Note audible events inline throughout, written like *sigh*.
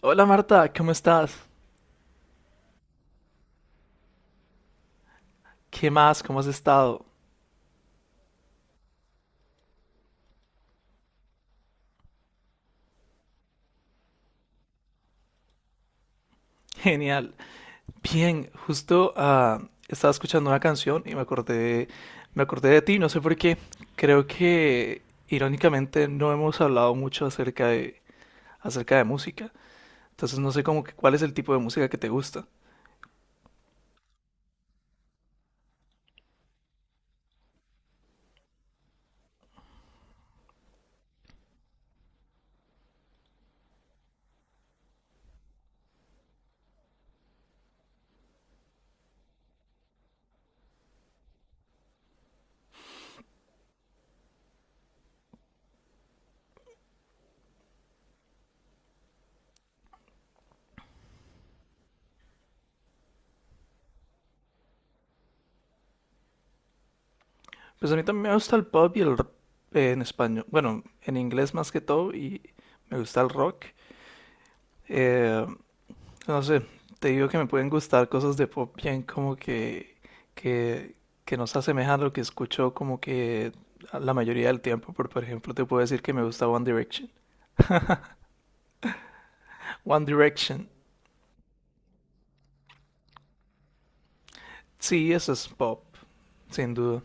Hola Marta, ¿cómo estás? ¿Qué más? ¿Cómo has estado? Genial. Bien, justo estaba escuchando una canción y me acordé de ti, no sé por qué. Creo que irónicamente no hemos hablado mucho acerca de música. Entonces no sé como que cuál es el tipo de música que te gusta. Pues a mí también me gusta el pop y el rock en español. Bueno, en inglés más que todo y me gusta el rock. Eh, No sé, te digo que me pueden gustar cosas de pop bien como que, que, que no se asemejan a lo que escucho como que a la mayoría del tiempo. Por ejemplo, te puedo decir que me gusta One Direction. One Direction, sí, eso es pop, sin duda.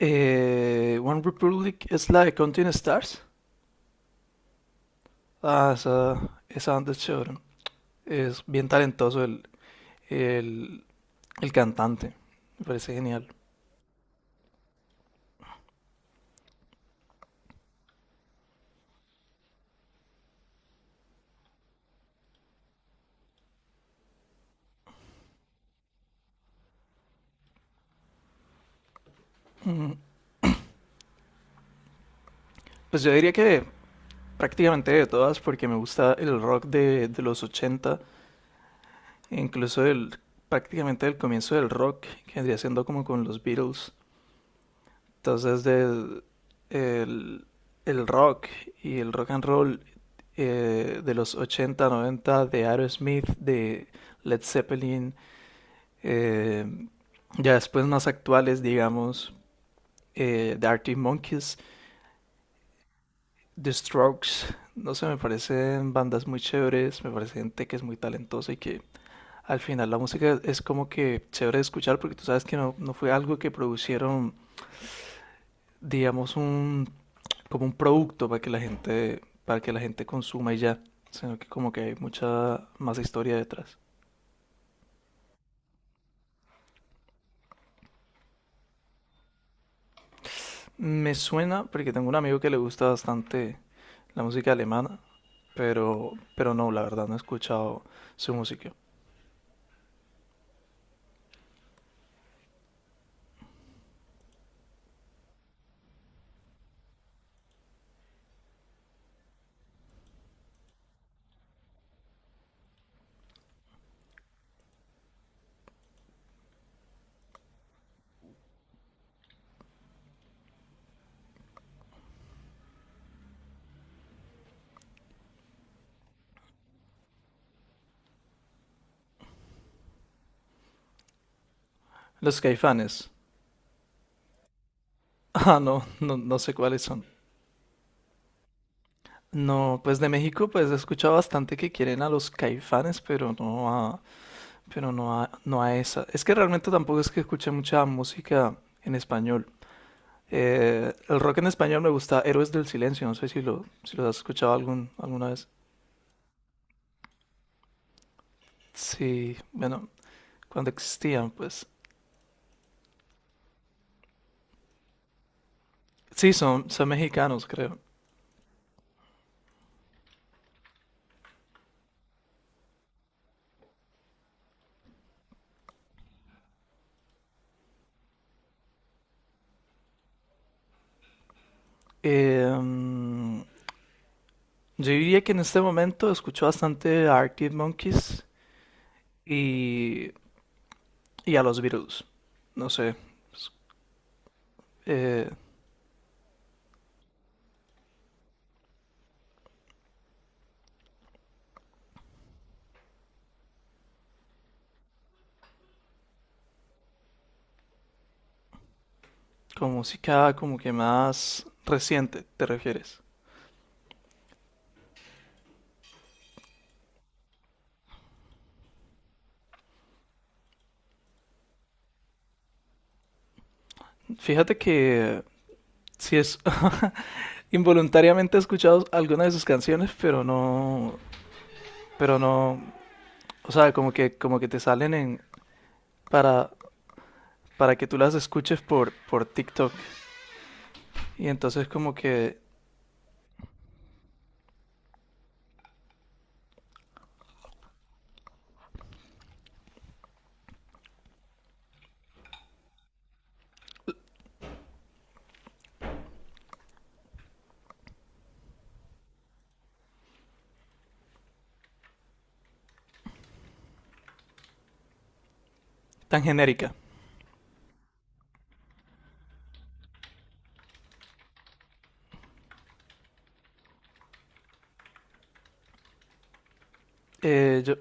One Republic es la de Counting Stars. Ah, esa banda es chévere. Es bien talentoso el, el cantante. Me parece genial. Pues yo diría que prácticamente de todas porque me gusta el rock de los 80 e incluso prácticamente del comienzo del rock, que vendría siendo como con los Beatles. Entonces, de, el, el rock y el rock and roll de los 80 90 de Aerosmith, de Led Zeppelin, eh, ya después más actuales, digamos, de Arctic Monkeys, The Strokes, no sé, me parecen bandas muy chéveres, me parece gente que es muy talentosa y que al final la música es como que chévere de escuchar porque tú sabes que no, no fue algo que producieron, digamos, como un producto para que la gente consuma y ya, sino que como que hay mucha más historia detrás. Me suena porque tengo un amigo que le gusta bastante la música alemana, pero no, la verdad no he escuchado su música. Los Caifanes. *laughs* Ah, no sé cuáles son. No, pues de México pues he escuchado bastante que quieren a los Caifanes, pero no a, pero no a esa. Es que realmente tampoco es que escuche mucha música en español. El rock en español me gusta Héroes del Silencio, no sé si los has escuchado alguna vez. Sí, bueno, cuando existían, pues. Sí, son mexicanos, creo. Eh, mm, yo diría que en este momento escucho bastante a Arctic Monkeys y, y a los Beatles. No sé, pues, eh, con música como que más reciente, ¿te refieres? Fíjate que sí es *laughs* involuntariamente he escuchado algunas de sus canciones, pero no, o sea, como como que te salen en, para, para que tú las escuches por TikTok. Y entonces como que tan genérica. Eh, yo-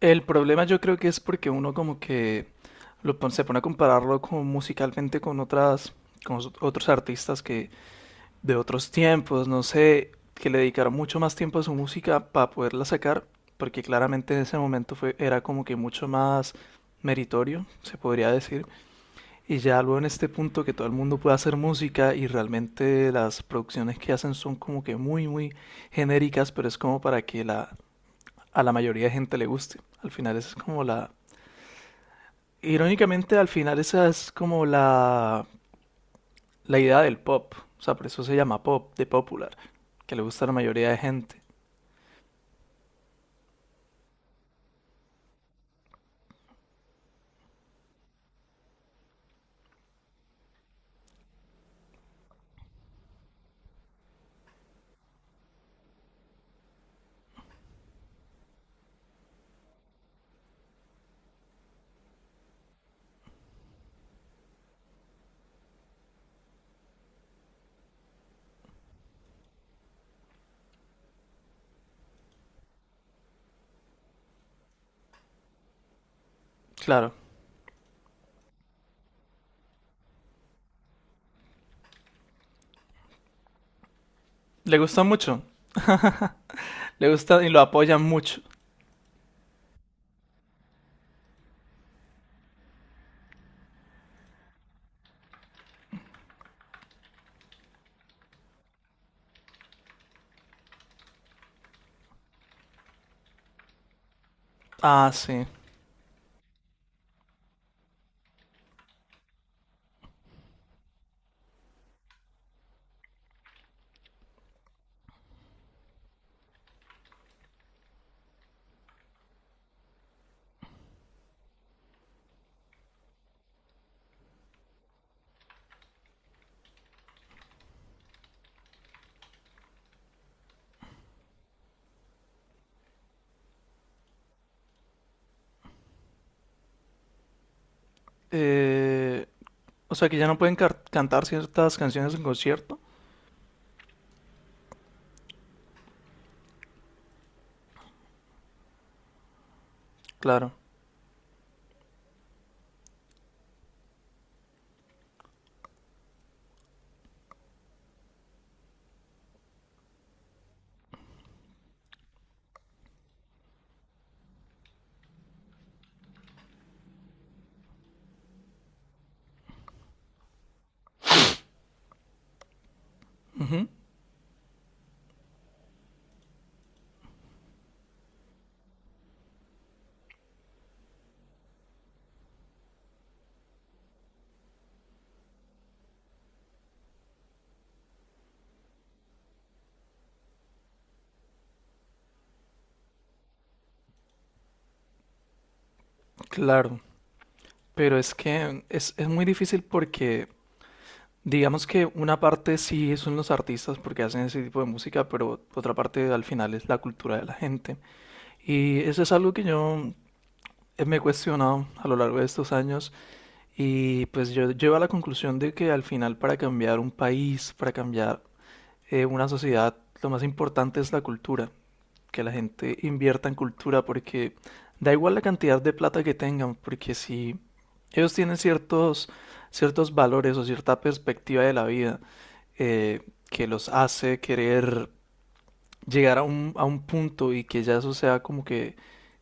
el problema yo creo que es porque uno como que se pone a compararlo como musicalmente con otras, con otros artistas que, de otros tiempos, no sé, que le dedicaron mucho más tiempo a su música para poderla sacar, porque claramente en ese momento fue, era como que mucho más meritorio, se podría decir, y ya luego en este punto que todo el mundo puede hacer música y realmente las producciones que hacen son como que muy, muy genéricas, pero es como para que a la mayoría de gente le guste. Al final esa es como la... Irónicamente, al final esa es como la idea del pop. O sea, por eso se llama pop, de popular, que le gusta a la mayoría de gente. Claro, le gusta mucho, le gusta y lo apoyan mucho. Ah, sí. Eh, o sea, que ya no pueden cantar ciertas canciones en concierto. Claro, claro. Pero es que es muy difícil porque, digamos que una parte sí son los artistas porque hacen ese tipo de música, pero otra parte al final es la cultura de la gente. Y eso es algo que yo me he cuestionado a lo largo de estos años. Y pues yo llego a la conclusión de que al final para cambiar un país, para cambiar una sociedad, lo más importante es la cultura, que la gente invierta en cultura porque da igual la cantidad de plata que tengan, porque si ellos tienen ciertos valores o cierta perspectiva de la vida eh, que los hace querer llegar a a un punto y que ya eso sea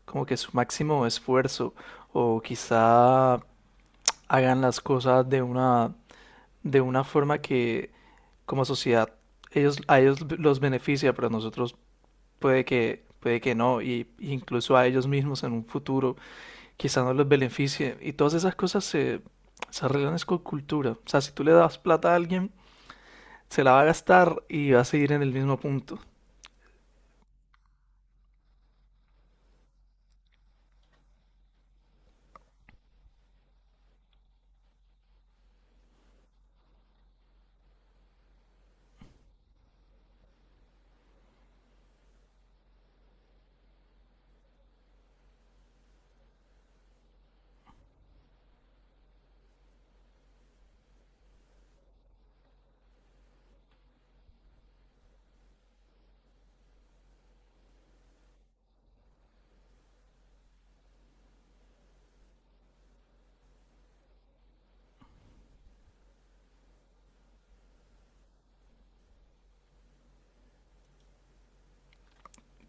como que su máximo esfuerzo o quizá hagan las cosas de de una forma que como sociedad ellos, a ellos los beneficia, pero a nosotros puede que no, y incluso a ellos mismos en un futuro quizá no los beneficie. Y todas esas cosas se arreglan es con cultura. O sea, si tú le das plata a alguien, se la va a gastar y va a seguir en el mismo punto.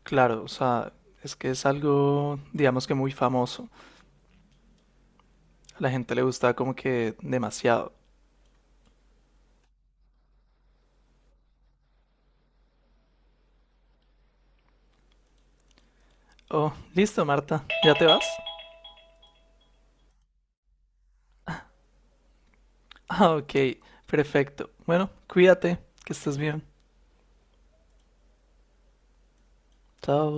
Claro, o sea, es que es algo, digamos que muy famoso. A la gente le gusta como que demasiado. Oh, listo, Marta, ¿ya te vas? Ah, ok, perfecto. Bueno, cuídate, que estés bien. Chao.